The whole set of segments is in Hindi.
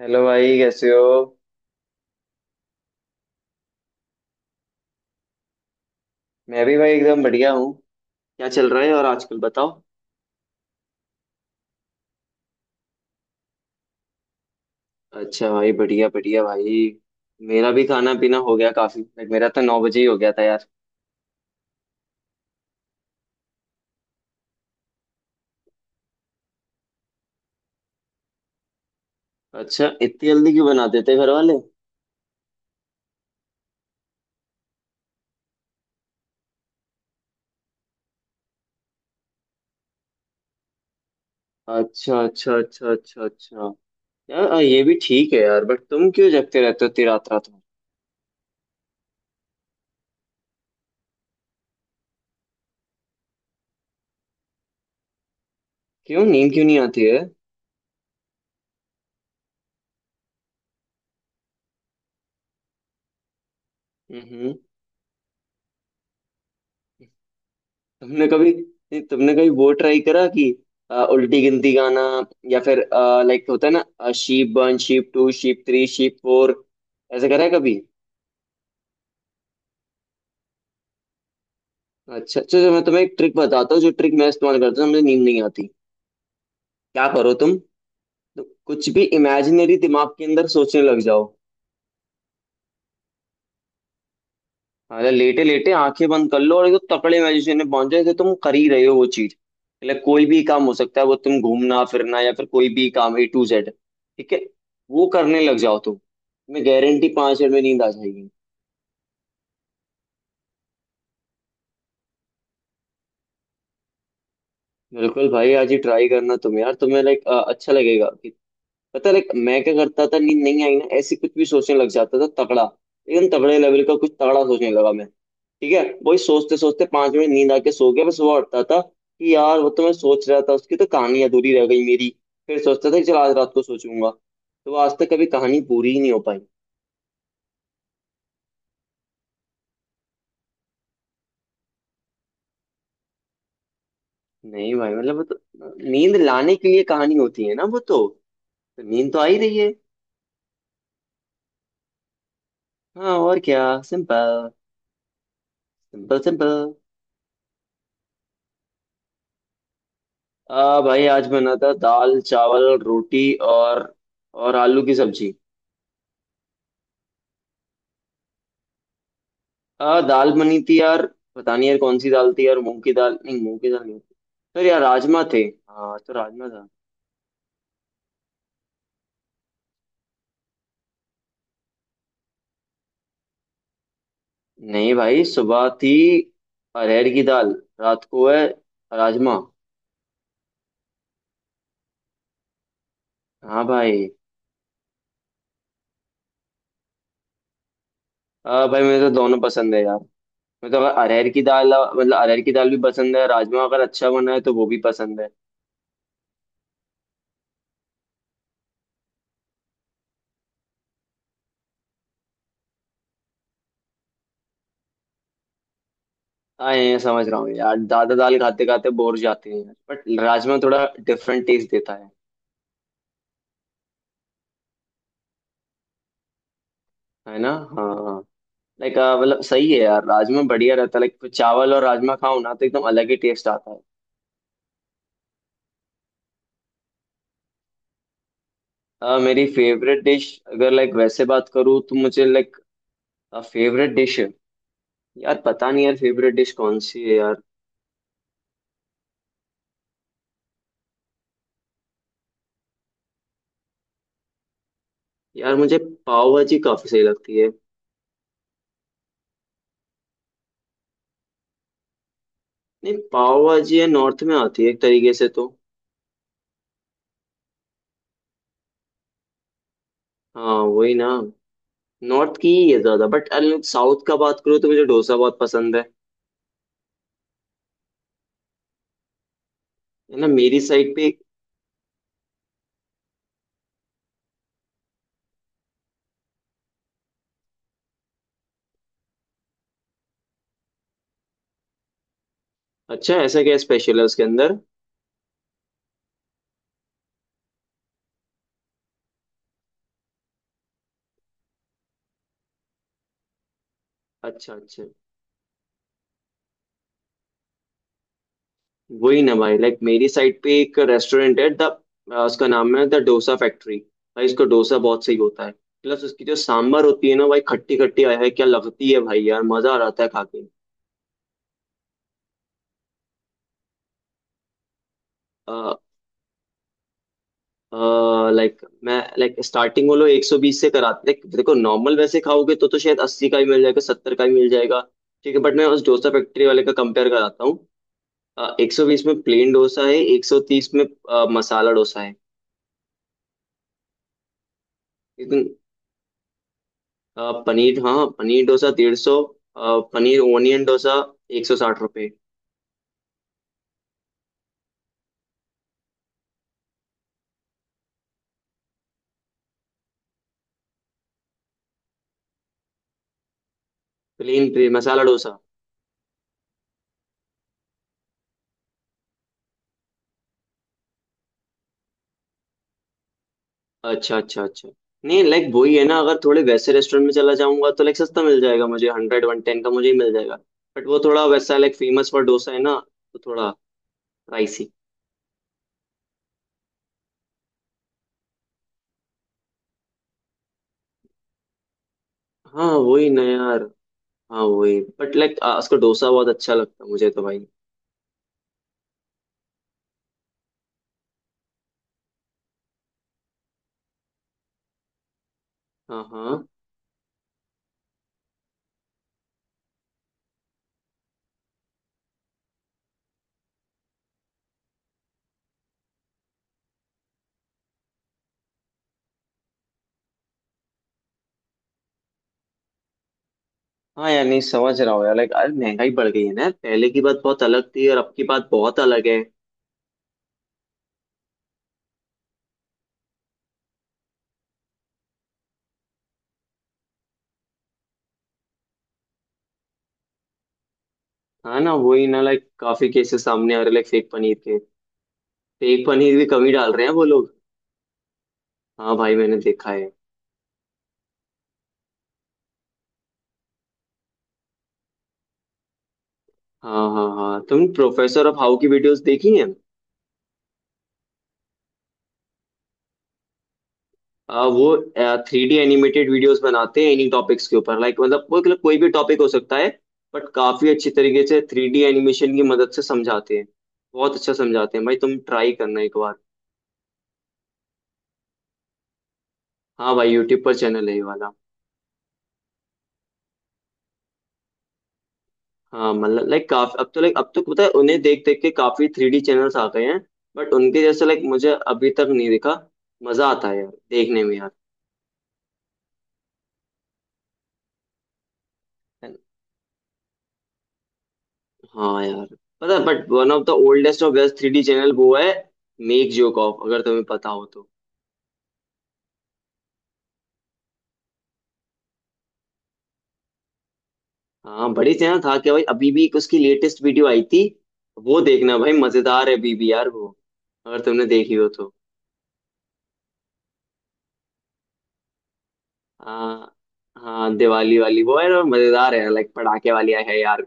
हेलो भाई कैसे हो। मैं भी भाई एकदम बढ़िया हूँ। क्या चल रहा है और आजकल बताओ। अच्छा भाई बढ़िया बढ़िया भाई। मेरा भी खाना पीना हो गया काफी लाइक मेरा तो 9 बजे ही हो गया था यार। अच्छा इतनी जल्दी क्यों बना देते घर वाले। अच्छा अच्छा अच्छा अच्छा अच्छा। यार ये भी ठीक है यार बट तुम क्यों जगते रहते हो इतनी रात रात में। क्यों नींद क्यों नहीं आती है। हम्म। तुमने कभी नहीं, तुमने कभी वो ट्राई करा कि उल्टी गिनती गाना या फिर लाइक होता है ना शीप 1 शीप 2 शीप 3 शीप 4, ऐसे करा है कभी। अच्छा अच्छा तो मैं तुम्हें एक ट्रिक बताता हूँ जो ट्रिक मैं इस्तेमाल करता हूँ मुझे नींद नहीं आती। क्या करो तुम। तुम कुछ भी इमेजिनरी दिमाग के अंदर सोचने लग जाओ। अरे लेटे लेटे आंखें बंद कर लो और एकदम तकड़े मैजिशियन में पहुंच जाए कि तुम कर ही रहे हो वो चीज। मतलब कोई भी काम हो सकता है वो तुम घूमना फिरना या फिर कोई भी काम A to Z ठीक है। वो करने लग जाओ तुम्हें गारंटी 5 मिनट में नींद आ जाएगी। बिल्कुल भाई आज ही ट्राई करना तुम यार तुम्हें लाइक अच्छा लगेगा कि पता है like, मैं क्या करता था नींद नहीं आई ना ऐसे कुछ भी सोचने लग जाता था तगड़ा एकदम तगड़े लेवल का कुछ तगड़ा सोचने लगा मैं ठीक है वही सोचते सोचते 5 मिनट नींद आके सो गया मैं सुबह उठता था कि यार वो तो मैं सोच रहा था उसकी तो कहानी अधूरी रह गई मेरी। फिर सोचता था कि चल आज रात को सोचूंगा तो वो आज तक कभी कहानी पूरी ही नहीं हो पाई। नहीं भाई मतलब वो तो नींद लाने के लिए कहानी होती है ना वो तो नींद तो आ ही रही है। हाँ और क्या सिंपल सिंपल सिंपल। आ भाई आज बना था दाल चावल रोटी और आलू की सब्जी। आ दाल बनी थी यार पता नहीं यार कौन सी दाल थी यार मूंग की दाल नहीं मूंग की दाल नहीं सर यार राजमा थे। हाँ तो राजमा था। नहीं भाई सुबह थी अरहर की दाल रात को है राजमा। हाँ भाई। आ भाई मुझे तो दोनों पसंद है यार। मुझे तो अगर अरहर की दाल मतलब अरहर की दाल भी पसंद है राजमा अगर अच्छा बना है तो वो भी पसंद है। आए समझ रहा हूँ यार दादा दाल खाते खाते बोर जाते हैं यार, बट राजमा थोड़ा डिफरेंट टेस्ट देता है। है ना। हाँ लाइक मतलब सही है यार राजमा बढ़िया रहता है लाइक चावल और राजमा खाओ ना तो एकदम अलग ही टेस्ट आता है। मेरी फेवरेट डिश अगर लाइक वैसे बात करूँ तो मुझे लाइक फेवरेट डिश है यार पता नहीं यार फेवरेट डिश कौन सी है यार। यार मुझे पाव भाजी काफी सही लगती है। नहीं पाव भाजी है नॉर्थ में आती है एक तरीके से तो। हाँ वही ना नॉर्थ की ही है ज्यादा बट साउथ का बात करो तो मुझे डोसा बहुत पसंद है। है ना। मेरी साइड पे एक- अच्छा ऐसा क्या स्पेशल है उसके अंदर। अच्छा अच्छा वही ना भाई लाइक मेरी साइड पे एक रेस्टोरेंट है द उसका नाम है द डोसा फैक्ट्री। भाई उसका डोसा बहुत सही होता है। प्लस उसकी जो सांभर होती है ना भाई खट्टी खट्टी है क्या लगती है भाई यार मजा आ जाता है खा के लाइक मैं लाइक स्टार्टिंग वो लोग 120 से कराते लाइक देखो नॉर्मल वैसे खाओगे तो शायद 80 का ही मिल जाएगा 70 का ही मिल जाएगा। ठीक है बट मैं उस डोसा फैक्ट्री वाले का कंपेयर कराता हूँ 120 में प्लेन डोसा है 130 में मसाला डोसा है। लेकिन पनीर हाँ पनीर डोसा 150 पनीर ओनियन डोसा ₹160। प्लेन मसाला डोसा अच्छा अच्छा अच्छा। नहीं लाइक वही है ना अगर थोड़े वैसे रेस्टोरेंट में चला जाऊंगा तो लाइक सस्ता मिल जाएगा मुझे 110 का मुझे ही मिल जाएगा बट वो थोड़ा वैसा लाइक फेमस फॉर डोसा है ना तो थोड़ा प्राइसी। हाँ वही ना यार। हाँ वही बट लाइक उसका डोसा बहुत अच्छा लगता है मुझे तो भाई। हाँ हाँ हाँ यार नहीं समझ रहा हूँ यार लाइक अरे महंगाई बढ़ गई है ना यार। पहले की बात बहुत अलग थी और अब की बात बहुत अलग है। हाँ ना वही ना लाइक काफी केसेस सामने आ रहे लाइक फेक पनीर के फेक पनीर भी कम ही डाल रहे हैं वो लोग। हाँ भाई मैंने देखा है। हाँ हाँ हाँ तुमने प्रोफेसर ऑफ हाउ की वीडियोस देखी हैं? वो 3D एनिमेटेड वीडियोस बनाते हैं इन्हीं टॉपिक्स के ऊपर लाइक मतलब वो मतलब कोई भी टॉपिक हो सकता है बट काफी अच्छी तरीके से थ्री डी एनिमेशन की मदद से समझाते हैं। बहुत अच्छा समझाते हैं भाई तुम ट्राई करना एक बार। हाँ भाई यूट्यूब पर चैनल है ये वाला। हाँ मतलब लाइक काफी अब तो पता है उन्हें देख देख के काफी 3D चैनल्स आ गए हैं। बट उनके जैसे लाइक मुझे अभी तक नहीं दिखा। मजा आता है यार देखने में यार। हाँ यार पता but one of the oldest और बेस्ट 3D चैनल वो है मेक जोकॉफ अगर तुम्हें पता हो तो। हाँ बड़ी चैनल था क्या भाई अभी भी एक उसकी लेटेस्ट वीडियो आई थी। वो देखना भाई मजेदार है अभी भी यार वो अगर तुमने देखी हो तो। हाँ हाँ दिवाली वाली वो है और मजेदार है लाइक पटाखे वाली है यार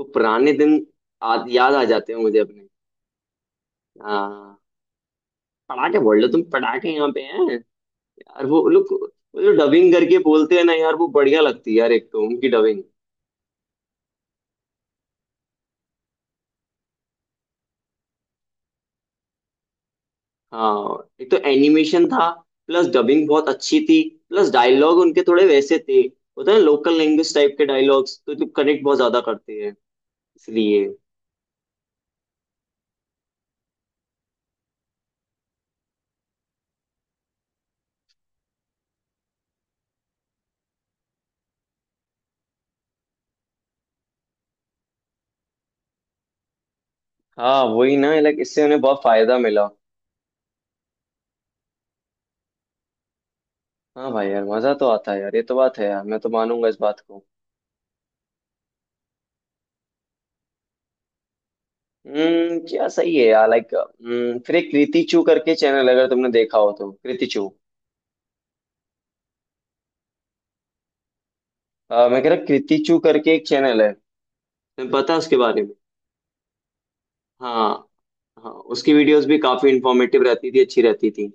वो पुराने दिन याद आ जाते हैं मुझे अपने। हाँ पटाखे बोल लो तुम पटाखे यहाँ पे हैं। यार वो लोग वो जो डबिंग करके बोलते हैं ना यार वो बढ़िया लगती है यार एक तो उनकी डबिंग। हाँ एक तो एनिमेशन था प्लस डबिंग बहुत अच्छी थी। प्लस डायलॉग उनके थोड़े वैसे थे। होता है ना लोकल लैंग्वेज टाइप के डायलॉग्स तो जो कनेक्ट बहुत ज्यादा करते हैं इसलिए। हाँ वही ना लाइक इससे उन्हें बहुत फायदा मिला। हाँ भाई यार मजा तो आता है यार ये तो बात है यार मैं तो मानूंगा इस बात को। क्या सही है यार लाइक फिर एक कृति चू करके चैनल अगर तुमने देखा हो तो कृति चू। मैं कह रहा कृति चू करके एक चैनल है तुम्हें पता है उसके बारे में। हाँ हाँ। उसकी वीडियोस भी काफी इंफॉर्मेटिव रहती थी अच्छी रहती थी।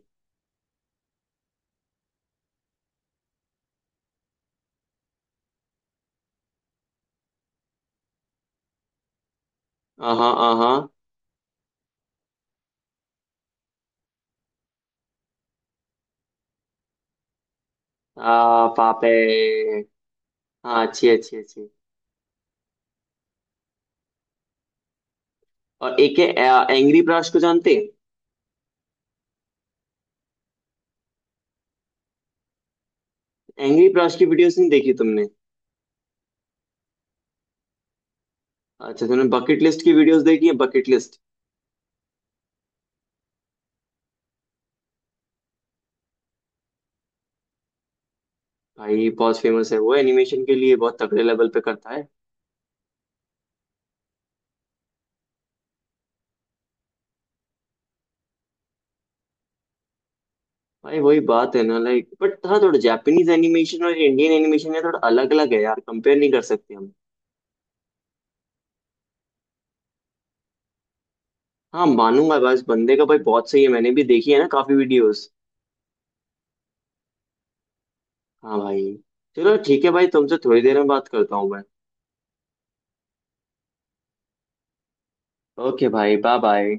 हाँ हाँ हाँ पापे हाँ अच्छी अच्छी अच्छी। और एक है एंग्री ब्राश को जानते हैं? एंग्री ब्राश की वीडियोस नहीं देखी तुमने। अच्छा तुमने बकेट लिस्ट की वीडियोस देखी है बकेट लिस्ट। भाई बहुत फेमस है वो एनिमेशन के लिए बहुत तगड़े लेवल पे करता है। भाई वही बात है ना लाइक बट हाँ थोड़ा जापानीज एनिमेशन और इंडियन एनिमेशन है थोड़ा अलग अलग है यार कंपेयर नहीं कर सकते हम। हाँ मानूंगा बस बंदे का भाई बहुत सही है मैंने भी देखी है ना काफी वीडियोस। हाँ भाई चलो ठीक है भाई तुमसे थोड़ी देर में बात करता हूँ मैं। ओके भाई बाय बाय।